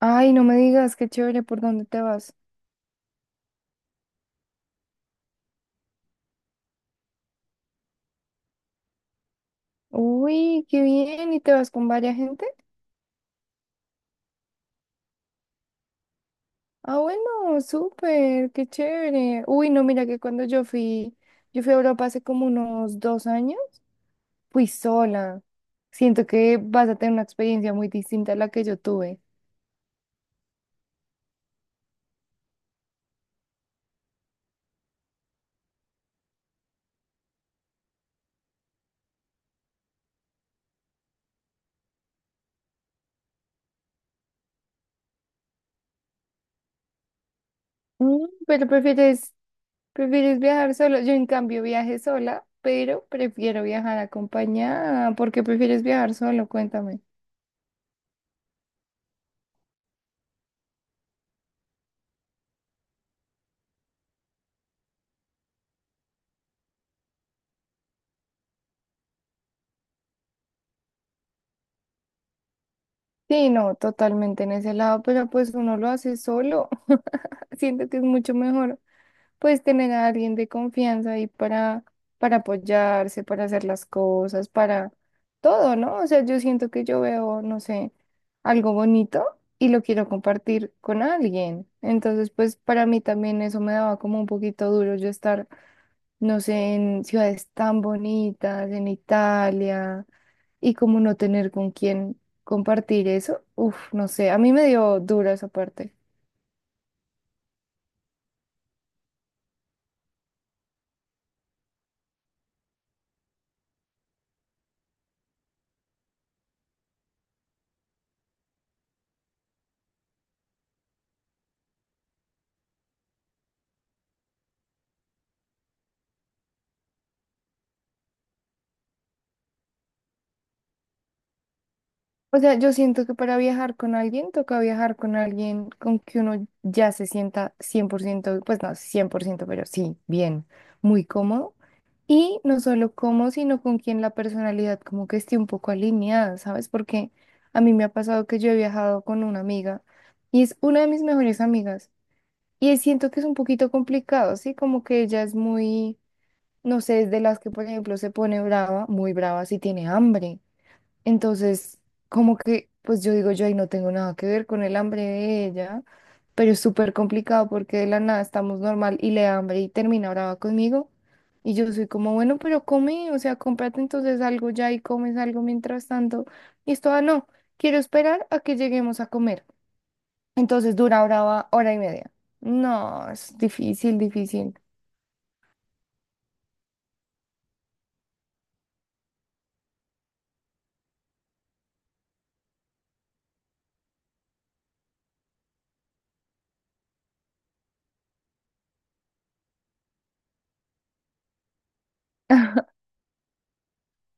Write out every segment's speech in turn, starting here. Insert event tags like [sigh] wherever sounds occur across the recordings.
Ay, no me digas, qué chévere, ¿por dónde te vas? Uy, qué bien, ¿y te vas con varias gente? Ah, bueno, súper, qué chévere. Uy, no, mira que cuando yo fui a Europa hace como unos 2 años, fui sola. Siento que vas a tener una experiencia muy distinta a la que yo tuve. Mm, pero prefieres viajar solo. Yo en cambio viajé sola, pero prefiero viajar acompañada. ¿Por qué prefieres viajar solo? Cuéntame. Sí, no, totalmente en ese lado, pero pues uno lo hace solo. Siento que es mucho mejor, pues, tener a alguien de confianza ahí para apoyarse, para hacer las cosas, para todo, ¿no? O sea, yo siento que yo veo, no sé, algo bonito y lo quiero compartir con alguien. Entonces, pues, para mí también eso me daba como un poquito duro yo estar, no sé, en ciudades tan bonitas, en Italia, y como no tener con quién compartir eso. Uf, no sé, a mí me dio duro esa parte. O sea, yo siento que para viajar con alguien toca viajar con alguien con que uno ya se sienta 100%, pues no 100%, pero sí, bien, muy cómodo. Y no solo cómodo, sino con quien la personalidad como que esté un poco alineada, ¿sabes? Porque a mí me ha pasado que yo he viajado con una amiga y es una de mis mejores amigas. Y siento que es un poquito complicado, ¿sí? Como que ella es muy, no sé, es de las que, por ejemplo, se pone brava, muy brava si tiene hambre entonces, como que, pues yo digo, yo ahí no tengo nada que ver con el hambre de ella, pero es súper complicado porque de la nada estamos normal y le da hambre y termina brava conmigo. Y yo soy como, bueno, pero come, o sea, cómprate entonces algo ya y comes algo mientras tanto. Y esto, ah, no, quiero esperar a que lleguemos a comer. Entonces dura brava hora y media. No, es difícil, difícil. [laughs]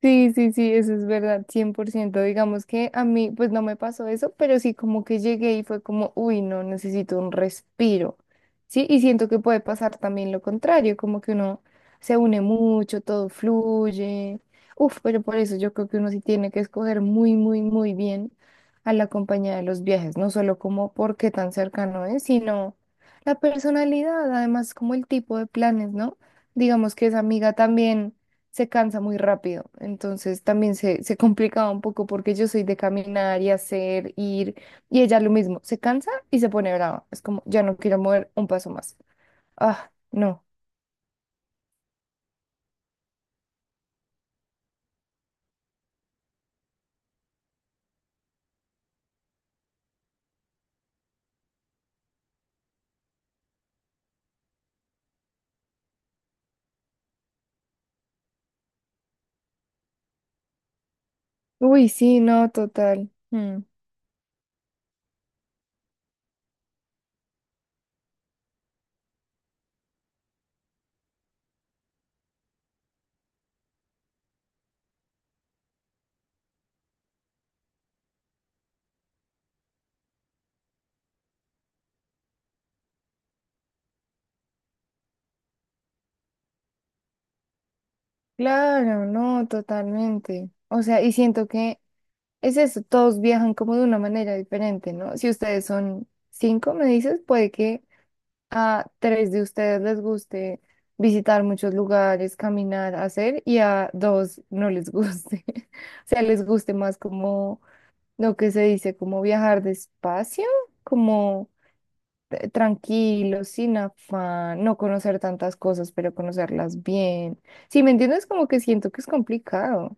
Sí, sí, sí, eso es verdad, 100%. Digamos que a mí, pues no me pasó eso, pero sí como que llegué y fue como, uy, no, necesito un respiro. Sí, y siento que puede pasar también lo contrario, como que uno se une mucho, todo fluye. Uf, pero por eso yo creo que uno sí tiene que escoger muy, muy, muy bien a la compañía de los viajes, no solo como por qué tan cercano es, sino la personalidad, además como el tipo de planes, ¿no? Digamos que esa amiga también se cansa muy rápido. Entonces también se complicaba un poco porque yo soy de caminar y hacer, ir, y ella lo mismo, se cansa y se pone brava. Es como, ya no quiero mover un paso más. Ah, no. Uy, sí, no, total. Mm, claro, no, totalmente. O sea, y siento que es eso, todos viajan como de una manera diferente, ¿no? Si ustedes son cinco, me dices, puede que a tres de ustedes les guste visitar muchos lugares, caminar, hacer, y a dos no les guste. [laughs] O sea, les guste más como lo que se dice, como viajar despacio, como tranquilo, sin afán, no conocer tantas cosas, pero conocerlas bien. Si me entiendes, como que siento que es complicado.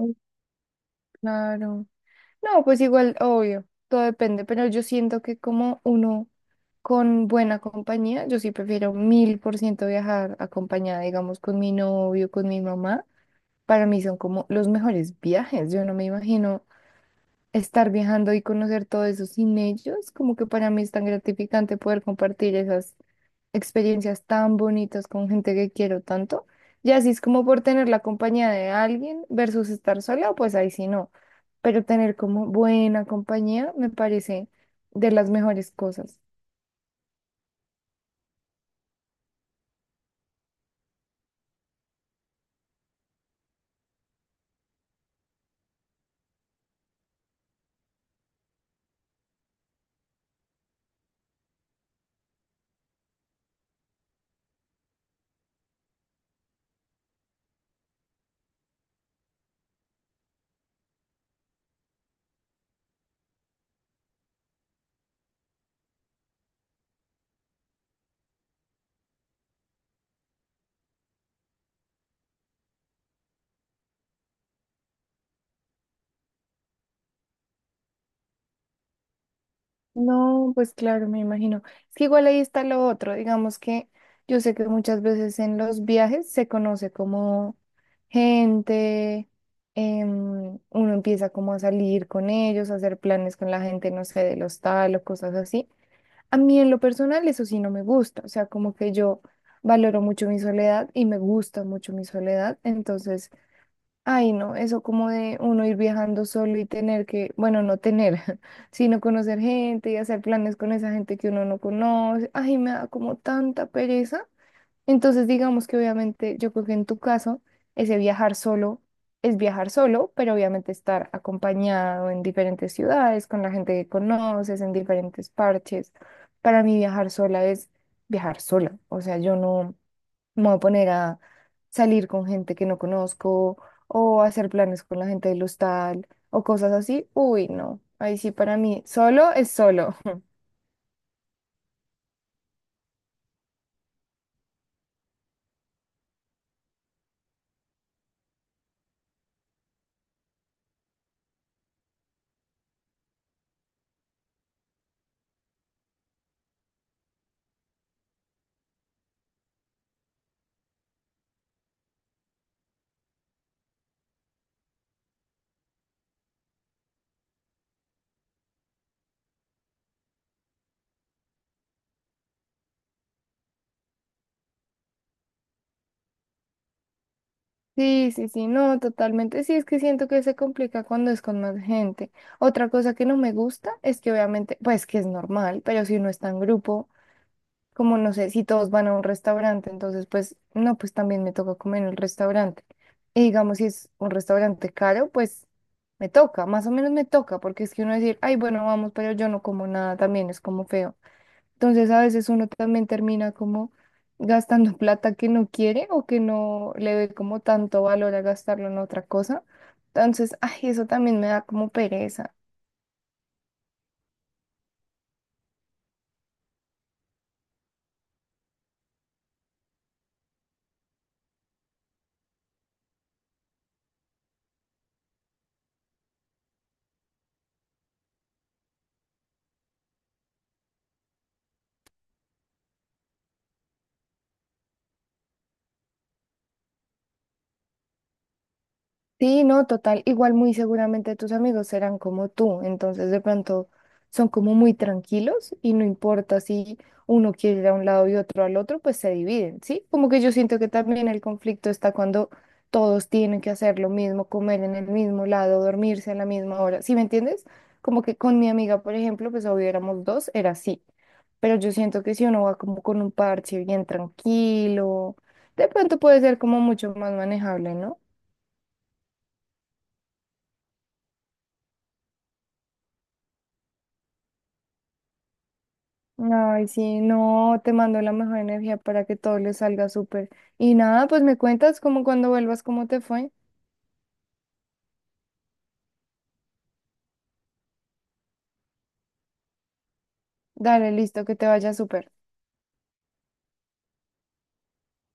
Mm, claro. No, pues igual, obvio, todo depende, pero yo siento que como uno con buena compañía, yo sí prefiero 1000% viajar acompañada, digamos, con mi novio, con mi mamá. Para mí son como los mejores viajes. Yo no me imagino estar viajando y conocer todo eso sin ellos. Como que para mí es tan gratificante poder compartir esas experiencias tan bonitas con gente que quiero tanto. Y así es como por tener la compañía de alguien versus estar sola, pues ahí sí no. Pero tener como buena compañía me parece de las mejores cosas. No, pues claro, me imagino. Es que igual ahí está lo otro, digamos que yo sé que muchas veces en los viajes se conoce como gente, uno empieza como a salir con ellos, a hacer planes con la gente, no sé, del hostal o cosas así. A mí en lo personal eso sí no me gusta, o sea, como que yo valoro mucho mi soledad y me gusta mucho mi soledad, entonces... Ay, no, eso como de uno ir viajando solo y tener que, bueno, no tener, [laughs] sino conocer gente y hacer planes con esa gente que uno no conoce. Ay, me da como tanta pereza. Entonces, digamos que obviamente yo creo que en tu caso, ese viajar solo es viajar solo, pero obviamente estar acompañado en diferentes ciudades, con la gente que conoces, en diferentes parches. Para mí viajar sola es viajar sola. O sea, yo no. Me voy a poner a salir con gente que no conozco o a hacer planes con la gente del hostal o cosas así. Uy, no. Ahí sí, para mí, solo es solo. [laughs] Sí, sí, sí, no, totalmente. Sí, es que siento que se complica cuando es con más gente. Otra cosa que no me gusta es que obviamente, pues que es normal, pero si uno está en grupo. Como no sé, si todos van a un restaurante, entonces pues no, pues también me toca comer en el restaurante. Y digamos, si es un restaurante caro, pues me toca, más o menos me toca, porque es que uno decir, ay, bueno, vamos, pero yo no como nada, también es como feo. Entonces a veces uno también termina como gastando [laughs] plata que no quiere o que no le ve como tanto valor a gastarlo en otra cosa. Entonces, ay, eso también me da como pereza. Sí, no, total. Igual muy seguramente tus amigos serán como tú, entonces de pronto son como muy tranquilos y no importa si uno quiere ir a un lado y otro al otro, pues se dividen, ¿sí? Como que yo siento que también el conflicto está cuando todos tienen que hacer lo mismo, comer en el mismo lado, dormirse a la misma hora, ¿sí me entiendes? Como que con mi amiga, por ejemplo, pues obvio éramos dos, era así. Pero yo siento que si uno va como con un parche bien tranquilo, de pronto puede ser como mucho más manejable, ¿no? Ay, sí, no, te mando la mejor energía para que todo le salga súper. Y nada, pues me cuentas como cuando vuelvas, cómo te fue. Dale, listo, que te vaya súper.